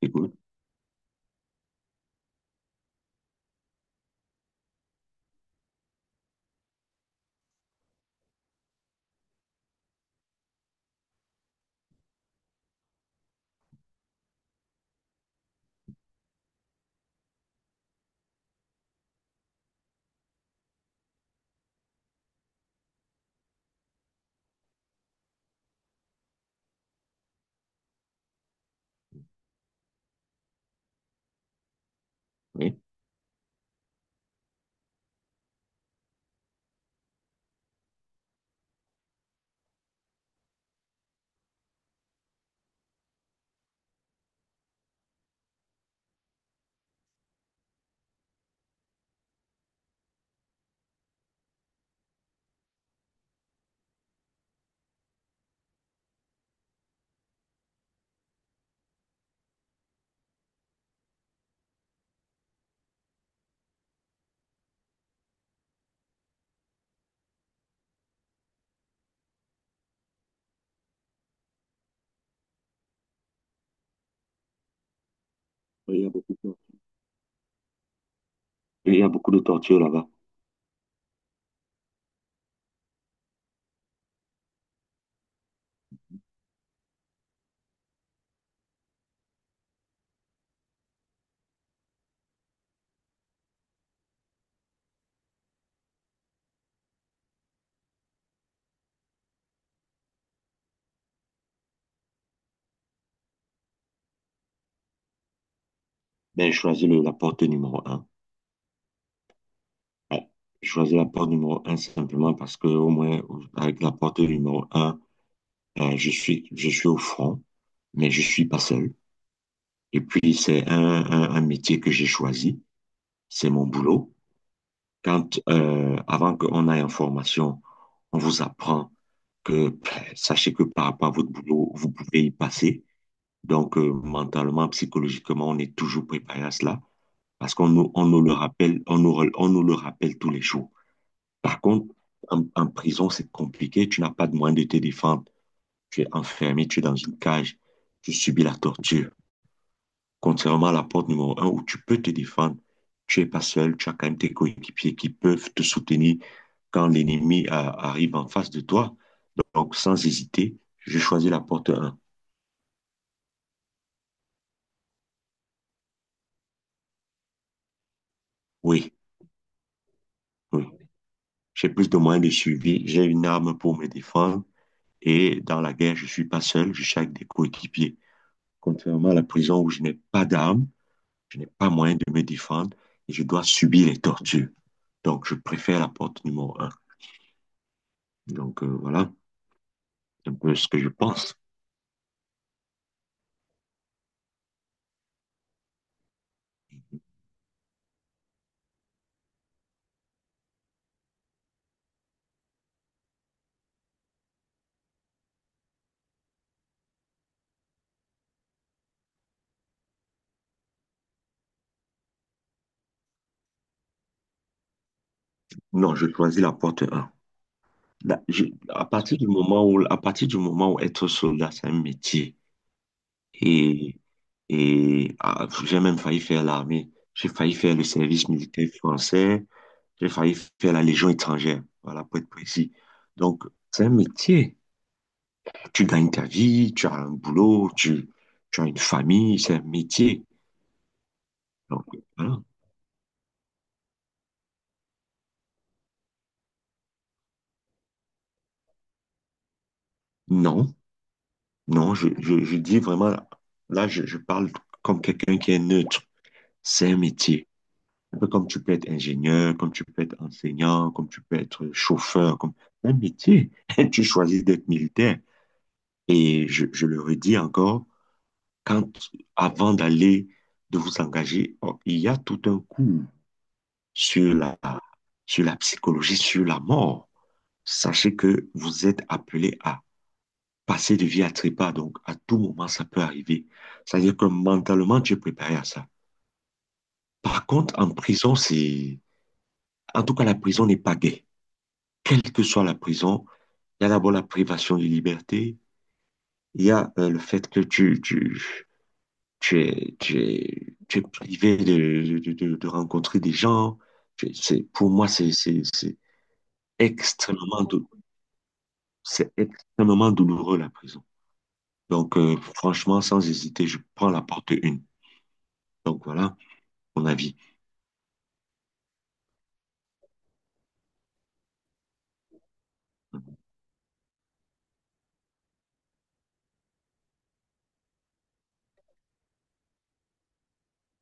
Écoute, oui. Oui, il y a beaucoup de... Il y a beaucoup de tortures là-bas. Ben, je choisis la porte numéro un. Ouais. Je choisis la porte numéro un simplement parce que au moins, avec la porte numéro un, je suis au front, mais je suis pas seul. Et puis, c'est un métier que j'ai choisi. C'est mon boulot. Quand, avant qu'on aille en formation, on vous apprend que ben, sachez que par rapport à votre boulot, vous pouvez y passer. Donc, mentalement, psychologiquement, on est toujours préparé à cela. Parce qu'on nous, on nous le rappelle, on nous le rappelle tous les jours. Par contre, en prison, c'est compliqué, tu n'as pas de moyen de te défendre, tu es enfermé, tu es dans une cage, tu subis la torture. Contrairement à la porte numéro un où tu peux te défendre, tu n'es pas seul, tu as quand même tes coéquipiers qui peuvent te soutenir quand l'ennemi arrive en face de toi. Donc, sans hésiter, je choisis la porte un. Oui, oui. J'ai plus de moyens de suivi, j'ai une arme pour me défendre. Et dans la guerre, je suis pas seul, je suis avec des coéquipiers. Contrairement à la prison où je n'ai pas d'armes, je n'ai pas moyen de me défendre et je dois subir les tortures. Donc, je préfère la porte numéro un. Donc, voilà un peu ce que je pense. Non, je choisis la porte un. Là, à partir du moment où, à partir du moment où être soldat, c'est un métier. Et, j'ai même failli faire l'armée. J'ai failli faire le service militaire français. J'ai failli faire la Légion étrangère, voilà, pour être précis. Donc, c'est un métier. Tu gagnes ta vie, tu as un boulot, tu as une famille, c'est un métier. Donc, voilà. Non, non, je dis vraiment, là, je parle comme quelqu'un qui est neutre. C'est un métier. Un peu comme tu peux être ingénieur, comme tu peux être enseignant, comme tu peux être chauffeur, comme un métier. Tu choisis d'être militaire. Et je le redis encore, quand, avant d'aller, de vous engager, oh, il y a tout un cours sur la, sur la psychologie, sur la mort. Sachez que vous êtes appelé à passer de vie à trépas, donc à tout moment, ça peut arriver. C'est-à-dire que mentalement, tu es préparé à ça. Par contre, en prison, c'est... En tout cas, la prison n'est pas gaie. Quelle que soit la prison, il y a d'abord la privation de liberté, il y a le fait que tu es, tu es privé de, de rencontrer des gens. C'est, pour moi, c'est extrêmement, c'est extrêmement douloureux, la prison. Donc, franchement, sans hésiter, je prends la porte une. Donc, voilà mon avis.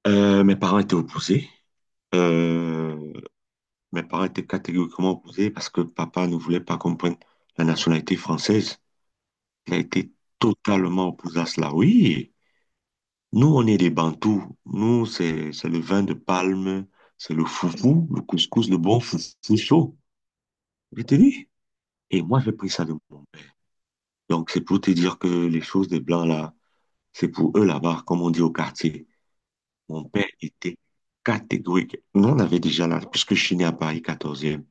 Mes parents étaient opposés. Euh, mes parents étaient catégoriquement opposés parce que papa ne voulait pas qu'on prenne la nationalité française. Il a été totalement opposé à cela. Oui. Nous, on est des Bantous. Nous, c'est le vin de palme, c'est le foufou, le couscous, le bon foufou chaud. Je te dis. Et moi, j'ai pris ça de mon père. Donc, c'est pour te dire que les choses des Blancs, là, c'est pour eux là-bas, comme on dit au quartier. Mon père était catégorique. Nous, on avait déjà la, puisque je suis né à Paris quatorzième,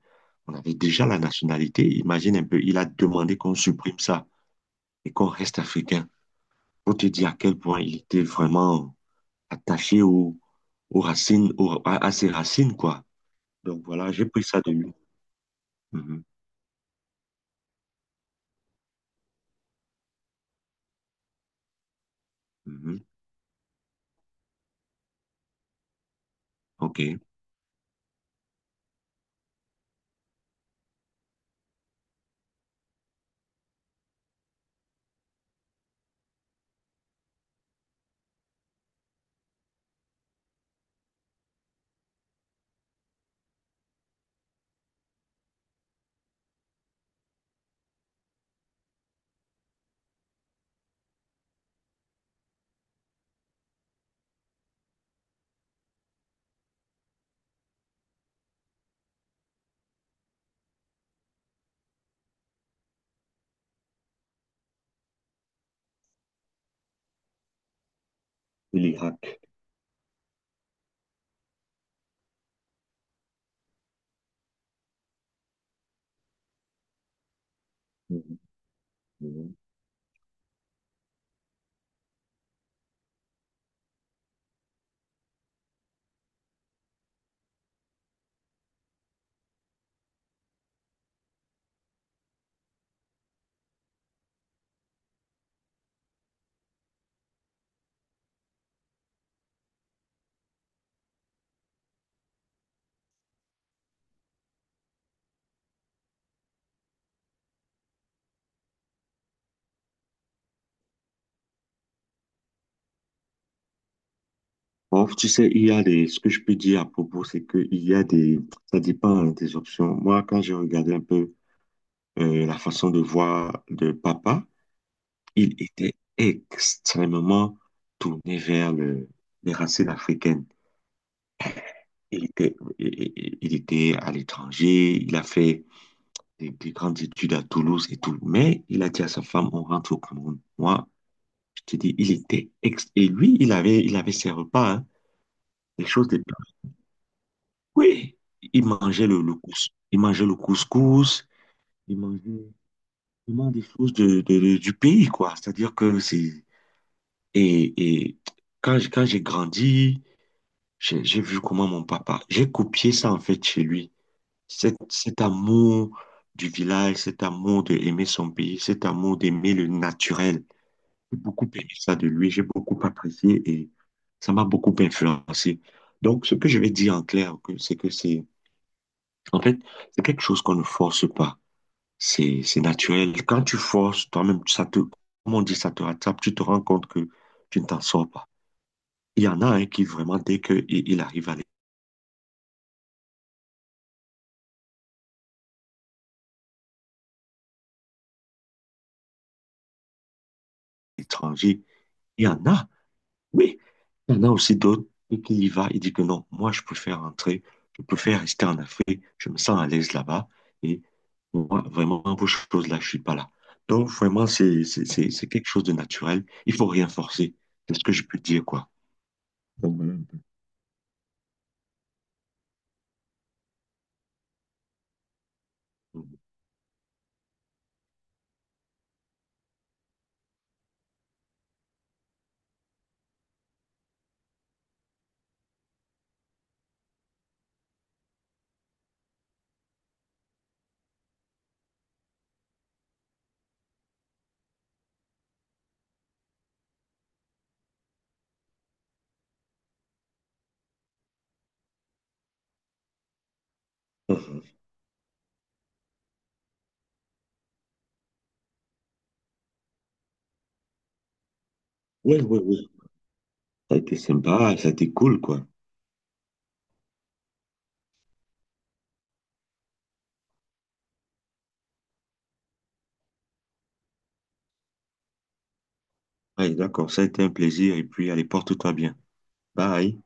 on avait déjà la nationalité. Imagine un peu, il a demandé qu'on supprime ça et qu'on reste africain. Pour te dire à quel point il était vraiment attaché aux, aux racines, à ses racines, quoi. Donc voilà, j'ai pris ça de lui. Mhm, mhm. OK. L'Irak. Mhm, mhm. Bon, tu sais, il y a des, ce que je peux dire à propos, c'est que il y a des, ça dépend hein, des options. Moi, quand j'ai regardé un peu la façon de voir de papa, il était extrêmement tourné vers le, les racines africaines. Il était, il était à l'étranger, il a fait des grandes études à Toulouse et tout. Mais il a dit à sa femme, on rentre au Cameroun. Moi, je te dis, il était ex... Et lui, il avait ses repas, hein, les choses de... Oui, il mangeait le couscous. Il mangeait le couscous. Il mangeait vraiment des choses de, du pays, quoi. C'est-à-dire que c'est... et quand, quand j'ai grandi, j'ai vu comment mon papa... J'ai copié ça, en fait, chez lui. Cet amour du village, cet amour d'aimer son pays, cet amour d'aimer le naturel. J'ai beaucoup aimé ça de lui, j'ai beaucoup apprécié et ça m'a beaucoup influencé. Donc, ce que je vais dire en clair, c'est que c'est, en fait, c'est quelque chose qu'on ne force pas. C'est naturel. Quand tu forces, toi-même, ça te, comme on dit, ça te rattrape, tu te rends compte que tu ne t'en sors pas. Il y en a un qui vraiment, dès qu'il il arrive à l'étranger, il y en a. Oui, il y en a aussi d'autres qui y va il dit que non, moi je préfère rentrer, je préfère rester en Afrique, je me sens à l'aise là-bas et moi vraiment pour ces choses-là, je suis pas là. Donc vraiment c'est quelque chose de naturel, il faut rien forcer. C'est ce que je peux dire quoi. Donc, voilà un peu. Mhm. Oui, oui, oui. Ça a été sympa, ça a été cool quoi. Ouais, d'accord, ça a été un plaisir et puis allez, porte-toi bien. Bye.